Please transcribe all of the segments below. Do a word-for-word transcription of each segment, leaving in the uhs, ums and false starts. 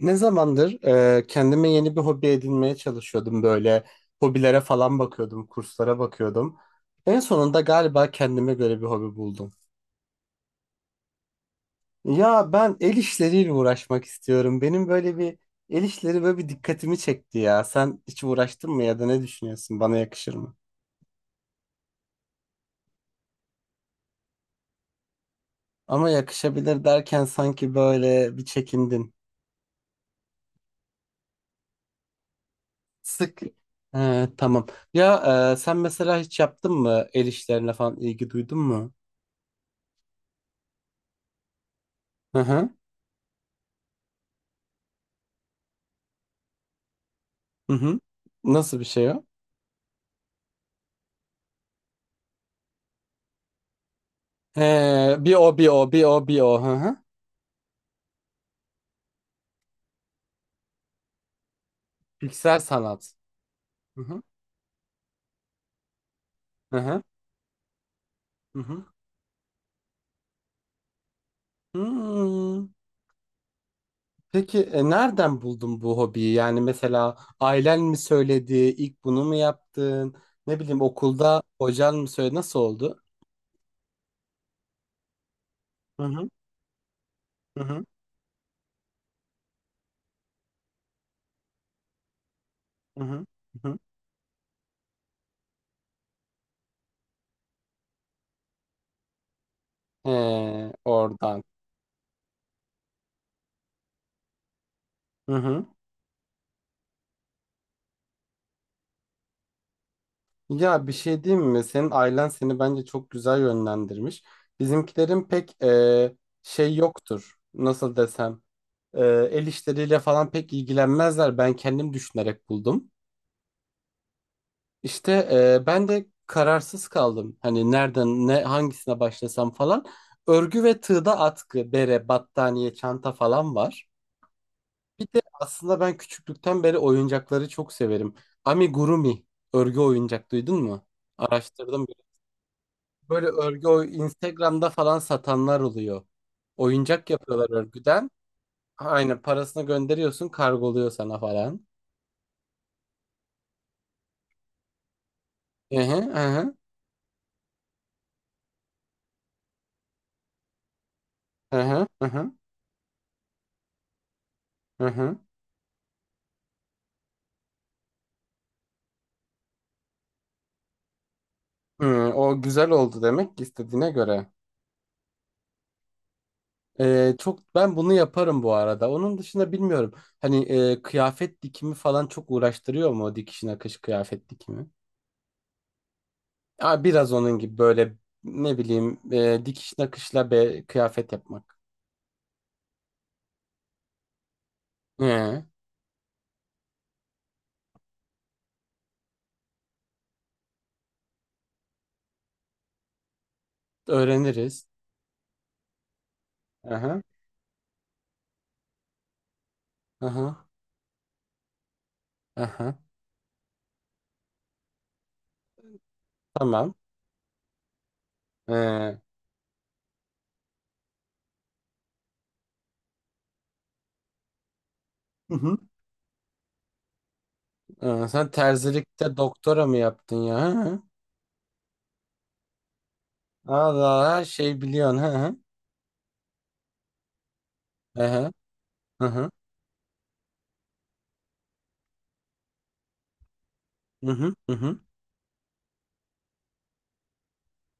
Ne zamandır e, kendime yeni bir hobi edinmeye çalışıyordum böyle. Hobilere falan bakıyordum, kurslara bakıyordum. En sonunda galiba kendime göre bir hobi buldum. Ya ben el işleriyle uğraşmak istiyorum. Benim böyle bir el işleri böyle bir dikkatimi çekti ya. Sen hiç uğraştın mı ya da ne düşünüyorsun? Bana yakışır mı? Ama yakışabilir derken sanki böyle bir çekindin. Sık. He, tamam. Ya e, sen mesela hiç yaptın mı el işlerine falan ilgi duydun mu? Hı hı. Hı hı. Nasıl bir şey o? He, bir o bir o bir o bir o. Hı hı. Piksel sanat. Hı hı. Hı hı. Hı hı. Hmm. Peki e, nereden buldun bu hobiyi? Yani mesela ailen mi söyledi? İlk bunu mu yaptın? Ne bileyim okulda hocan mı söyledi? Nasıl oldu? Hı hı. Hı hı. Hı hı. Hı hı. He, oradan. Hı hı. Ya bir şey diyeyim mi? Senin ailen seni bence çok güzel yönlendirmiş. Bizimkilerin pek e, şey yoktur. Nasıl desem? E, El işleriyle falan pek ilgilenmezler. Ben kendim düşünerek buldum. İşte e, ben de kararsız kaldım. Hani nereden ne hangisine başlasam falan. Örgü ve tığda atkı, bere, battaniye, çanta falan var. Bir de aslında ben küçüklükten beri oyuncakları çok severim. Amigurumi örgü oyuncak duydun mu? Araştırdım. Böyle örgü oy- Instagram'da falan satanlar oluyor. Oyuncak yapıyorlar örgüden. Aynen parasını gönderiyorsun, kargoluyor sana falan. Hı hı, hı hı. Hı hı hı hı. Hı hı. Hı, o güzel oldu demek ki istediğine göre. Ee, çok ben bunu yaparım bu arada. Onun dışında bilmiyorum. Hani e, kıyafet dikimi falan çok uğraştırıyor mu o dikiş nakış kıyafet dikimi? Aa, biraz onun gibi böyle ne bileyim e, dikiş nakışla be, kıyafet yapmak. Hı, öğreniriz. Hı hı hı. Tamam. Ee, hı hı. Tamam. Ee, sen terzilikte doktora mı yaptın ya? Hı hı. Allah her şey biliyorsun. Hı hı. Hı hı. Hı hı. Hı hı hı hı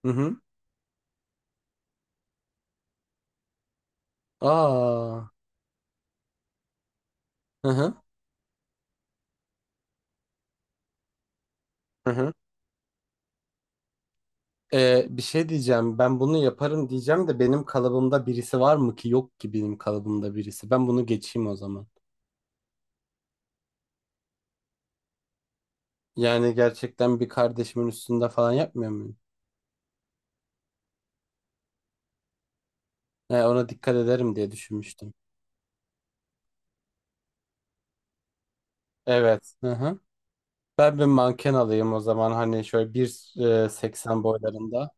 hı hı. Aa. Hı hı hı hı. Ee, bir şey diyeceğim. Ben bunu yaparım diyeceğim de benim kalıbımda birisi var mı ki? Yok ki benim kalıbımda birisi. Ben bunu geçeyim o zaman. Yani gerçekten bir kardeşimin üstünde falan yapmıyor muyum? He, ona dikkat ederim diye düşünmüştüm. Evet. Hı hı. Ben bir manken alayım o zaman hani şöyle bir seksen boylarında.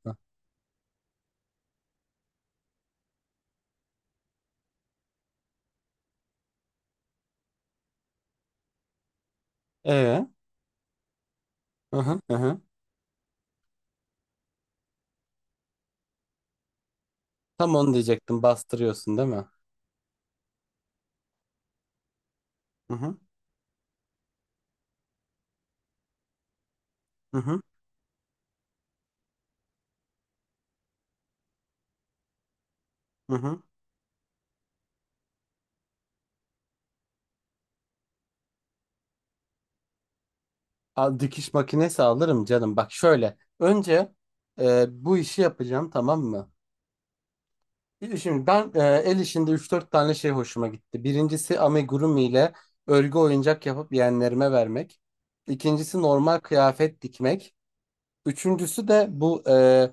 Ee, hı hı hı hı. Tam onu diyecektim. Bastırıyorsun değil mi? Hı hı hı hı. Hı hı. Al, dikiş makinesi alırım canım. Bak şöyle. Önce e, bu işi yapacağım tamam mı? E, Şimdi ben e, el işinde üç dört tane şey hoşuma gitti. Birincisi amigurumi ile örgü oyuncak yapıp yeğenlerime vermek. İkincisi normal kıyafet dikmek. Üçüncüsü de bu e,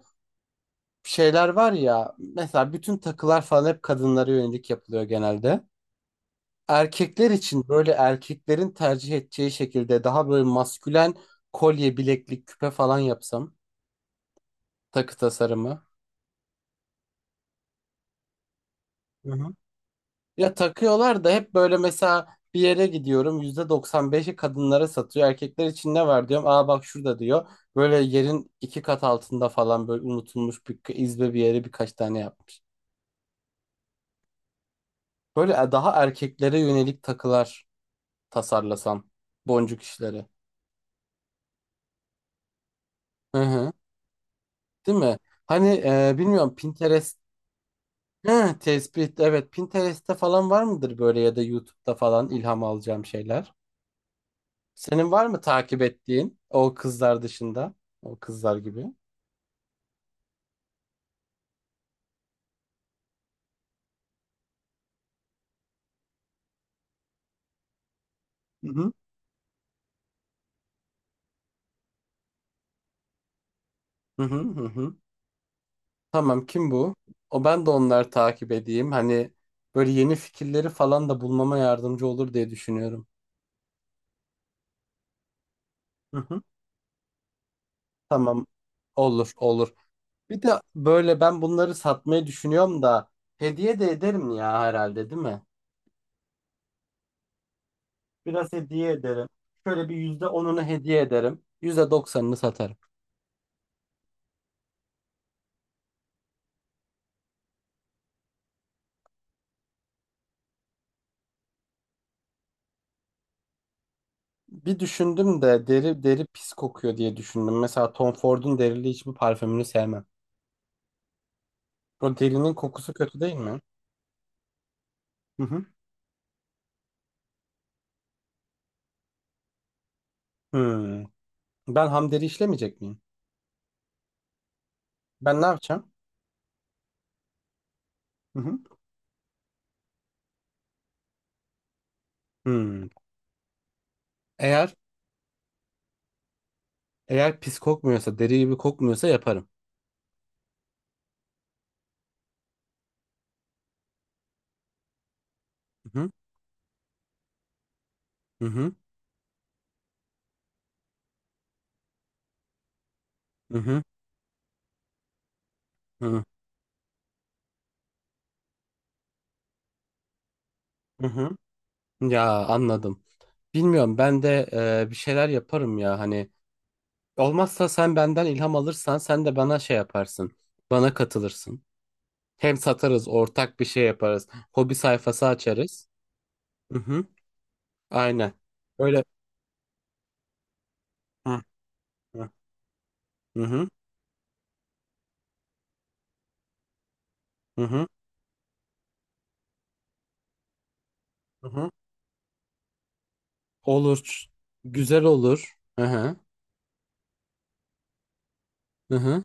şeyler var ya. Mesela bütün takılar falan hep kadınlara yönelik yapılıyor genelde. Erkekler için böyle erkeklerin tercih edeceği şekilde daha böyle maskülen kolye, bileklik, küpe falan yapsam. Takı tasarımı. Hı hı. Ya takıyorlar da hep böyle mesela bir yere gidiyorum yüzde doksan beşi kadınlara satıyor. Erkekler için ne var diyorum. Aa bak şurada diyor. Böyle yerin iki kat altında falan böyle unutulmuş bir izbe bir yere birkaç tane yapmış. Böyle e, daha erkeklere yönelik takılar tasarlasam. Boncuk işleri. Hı hı. Değil mi? Hani e, bilmiyorum Pinterest. Hı, tespit evet Pinterest'te falan var mıdır böyle ya da YouTube'da falan ilham alacağım şeyler? Senin var mı takip ettiğin o kızlar dışında? O kızlar gibi. Hı hı. Hı hı hı. Hı. Tamam kim bu? O ben de onları takip edeyim. Hani böyle yeni fikirleri falan da bulmama yardımcı olur diye düşünüyorum. Hı hı. Tamam, olur olur. Bir de böyle ben bunları satmayı düşünüyorum da hediye de ederim ya herhalde değil mi? Biraz hediye ederim. Şöyle bir yüzde onunu hediye ederim. Yüzde doksanını satarım. Bir düşündüm de deri deri pis kokuyor diye düşündüm. Mesela Tom Ford'un derili hiçbir parfümünü sevmem. O derinin kokusu kötü değil mi? Hı hı. Hmm. Ben ham deri işlemeyecek miyim? Ben ne yapacağım? Hı hı. Hmm. Eğer eğer pis kokmuyorsa, deri gibi kokmuyorsa yaparım. Hı hı. Hı hı. Hı hı. Hı hı. Hı. Ya anladım. Bilmiyorum ben de e, bir şeyler yaparım ya hani olmazsa sen benden ilham alırsan sen de bana şey yaparsın. Bana katılırsın. Hem satarız, ortak bir şey yaparız. Hobi sayfası açarız. Hı hı. Aynen. Öyle. Hı hı. Hı hı. Hı hı. Hı hı. Olur. Güzel olur. Hı hı. Hı hı.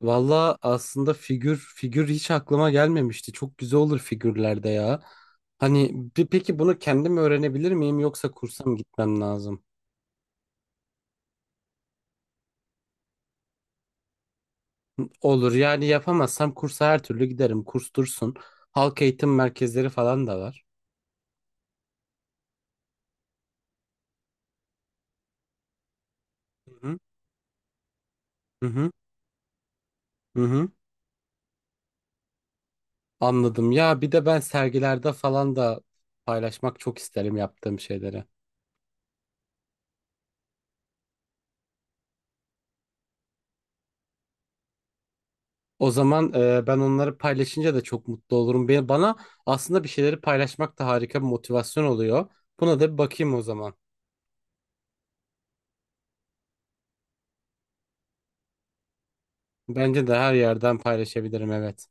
Valla aslında figür figür hiç aklıma gelmemişti. Çok güzel olur figürlerde ya. Hani pe- peki bunu kendim öğrenebilir miyim yoksa kursa mı gitmem lazım? Olur, yani yapamazsam kursa her türlü giderim. Kurs dursun. Halk eğitim merkezleri falan da var. Hı hı. Hı hı. Hı hı. Anladım. Ya bir de ben sergilerde falan da paylaşmak çok isterim yaptığım şeyleri. O zaman e, ben onları paylaşınca da çok mutlu olurum. Be- Bana aslında bir şeyleri paylaşmak da harika bir motivasyon oluyor. Buna da bir bakayım o zaman. Bence de her yerden paylaşabilirim, evet.